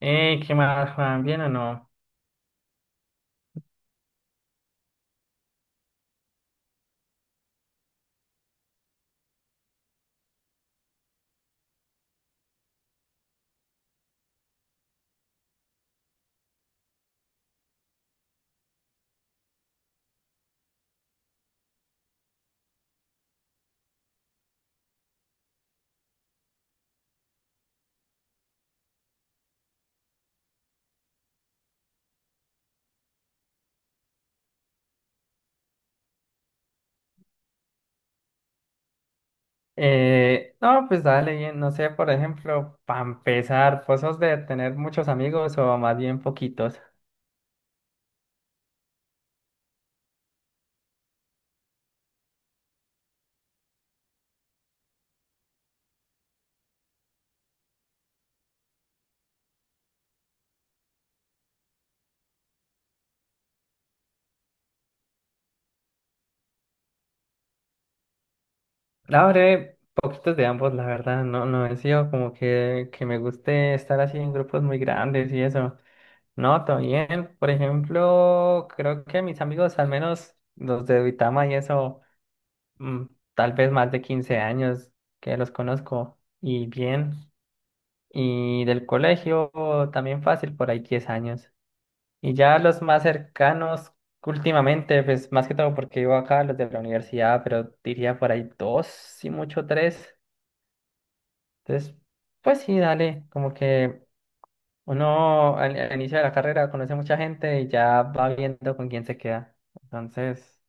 ¿Qué más, Juan? ¿Bien o no? No, pues dale, bien. No sé, por ejemplo, para empezar, ¿vos sos de tener muchos amigos o más bien poquitos? La verdad, poquitos de ambos, la verdad. No, no he sido como que me guste estar así en grupos muy grandes y eso. No, todo bien. Por ejemplo, creo que mis amigos, al menos los de Duitama y eso, mm, tal vez más de 15 años que los conozco. Y bien. Y del colegio también fácil, por ahí 10 años. Y ya los más cercanos últimamente, pues más que todo porque vivo acá, los de la universidad, pero diría por ahí dos, si mucho tres. Entonces, pues sí, dale, como que uno al inicio de la carrera conoce mucha gente y ya va viendo con quién se queda. Entonces,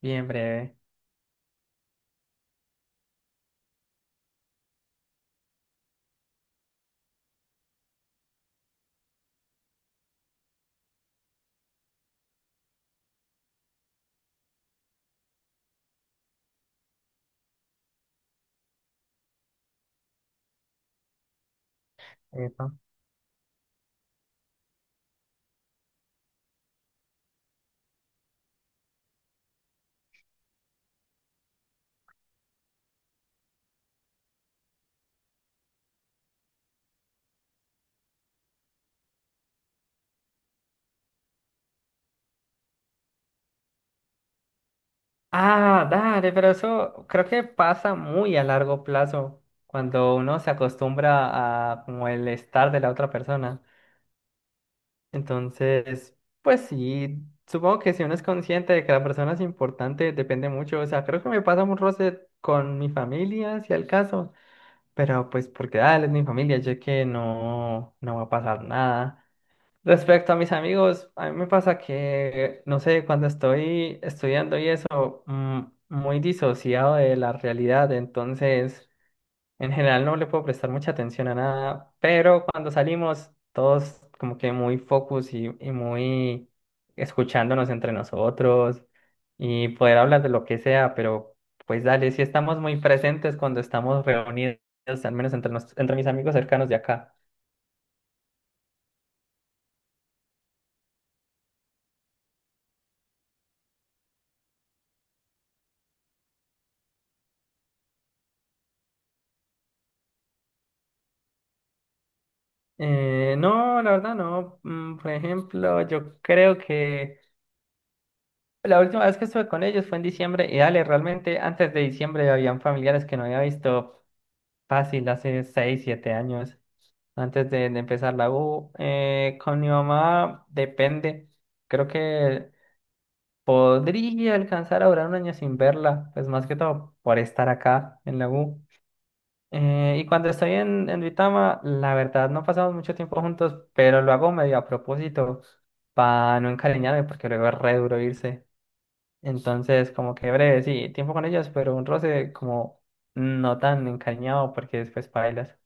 bien breve. Eso. Ah, dale, pero eso creo que pasa muy a largo plazo cuando uno se acostumbra a como el estar de la otra persona. Entonces, pues sí, supongo que si uno es consciente de que la persona es importante, depende mucho. O sea, creo que me pasa un roce con mi familia, si al caso, pero pues porque dale, es mi familia, yo que no, no va a pasar nada. Respecto a mis amigos, a mí me pasa que, no sé, cuando estoy estudiando y eso, muy disociado de la realidad, entonces en general no le puedo prestar mucha atención a nada, pero cuando salimos, todos como que muy focus y muy escuchándonos entre nosotros y poder hablar de lo que sea, pero pues dale, si estamos muy presentes cuando estamos reunidos, al menos entre mis amigos cercanos de acá. No, la verdad no. Por ejemplo, yo creo que la última vez que estuve con ellos fue en diciembre y dale, realmente antes de diciembre habían familiares que no había visto fácil hace 6 7 años, antes de empezar la U. Con mi mamá depende. Creo que podría alcanzar a durar un año sin verla, pues más que todo por estar acá en la U. Y cuando estoy en, Duitama, la verdad no pasamos mucho tiempo juntos, pero lo hago medio a propósito para no encariñarme porque luego es re duro irse. Entonces, como que breve, sí, tiempo con ellas, pero un roce como no tan encariñado porque después bailas.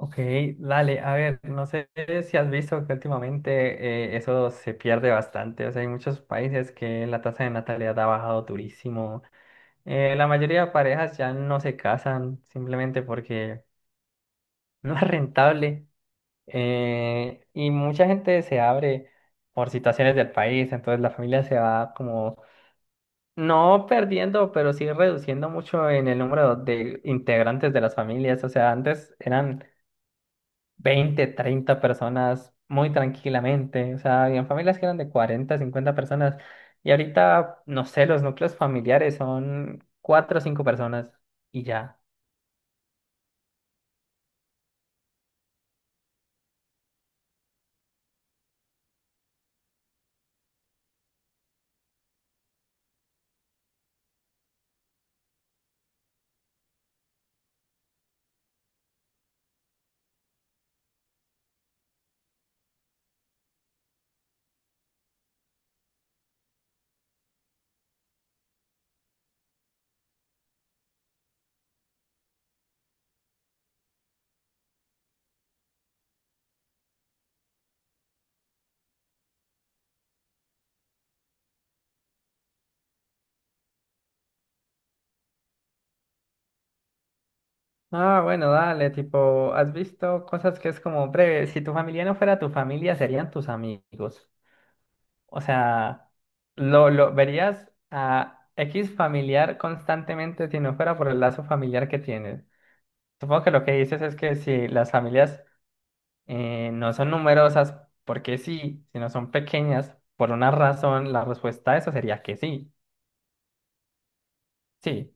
Ok, dale, a ver, no sé si has visto que últimamente eso se pierde bastante. O sea, hay muchos países que la tasa de natalidad ha bajado durísimo. La mayoría de parejas ya no se casan simplemente porque no es rentable. Y mucha gente se abre por situaciones del país, entonces la familia se va como, no perdiendo, pero sí reduciendo mucho en el número de integrantes de las familias. O sea, antes eran 20 30 personas muy tranquilamente. O sea, habían familias que eran de 40 50 personas. Y ahorita, no sé, los núcleos familiares son 4 o 5 personas y ya. Ah, bueno, dale, tipo, has visto cosas que es como, breve, si tu familia no fuera tu familia, serían tus amigos. O sea, lo verías a X familiar constantemente si no fuera por el lazo familiar que tienes. Supongo que lo que dices es que si las familias no son numerosas, porque sí, si no son pequeñas, por una razón, la respuesta a eso sería que sí. Sí.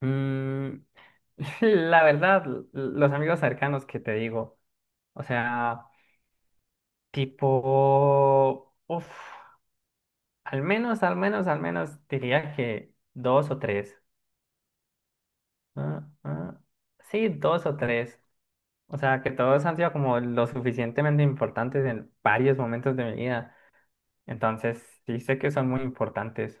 Mm, la verdad, los amigos cercanos que te digo, o sea... Tipo, uff, al menos, al menos, al menos diría que dos o tres. Ah, ah, sí, dos o tres. O sea, que todos han sido como lo suficientemente importantes en varios momentos de mi vida. Entonces, sí sé que son muy importantes.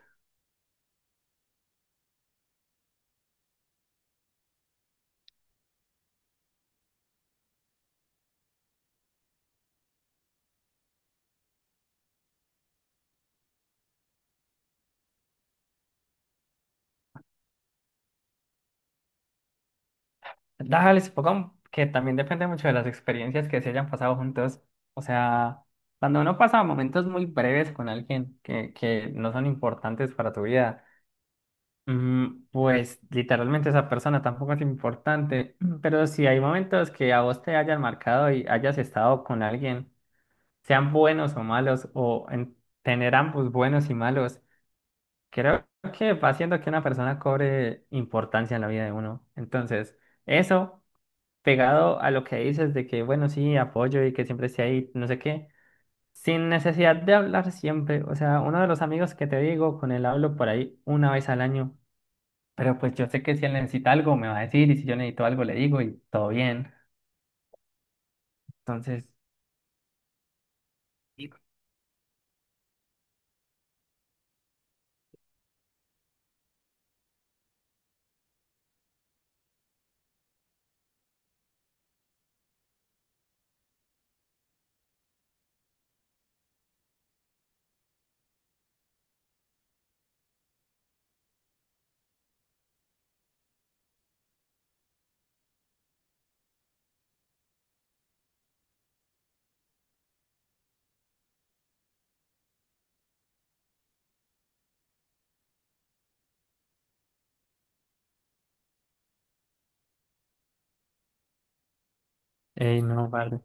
Dale, supongo que también depende mucho de las experiencias que se hayan pasado juntos. O sea, cuando uno pasa momentos muy breves con alguien que no son importantes para tu vida. Pues literalmente esa persona tampoco es importante, pero si hay momentos que a vos te hayan marcado y hayas estado con alguien, sean buenos o malos, o en tener ambos buenos y malos, creo que va haciendo que una persona cobre importancia en la vida de uno. Entonces, eso pegado a lo que dices de que, bueno, sí, apoyo y que siempre esté ahí, no sé qué, sin necesidad de hablar siempre. O sea, uno de los amigos que te digo, con él hablo por ahí una vez al año. Pero pues yo sé que si él necesita algo, me va a decir, y si yo necesito algo, le digo, y todo bien. Entonces, ey, no, vale.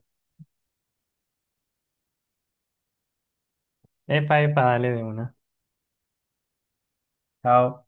Epa, epa, dale de una. Chao.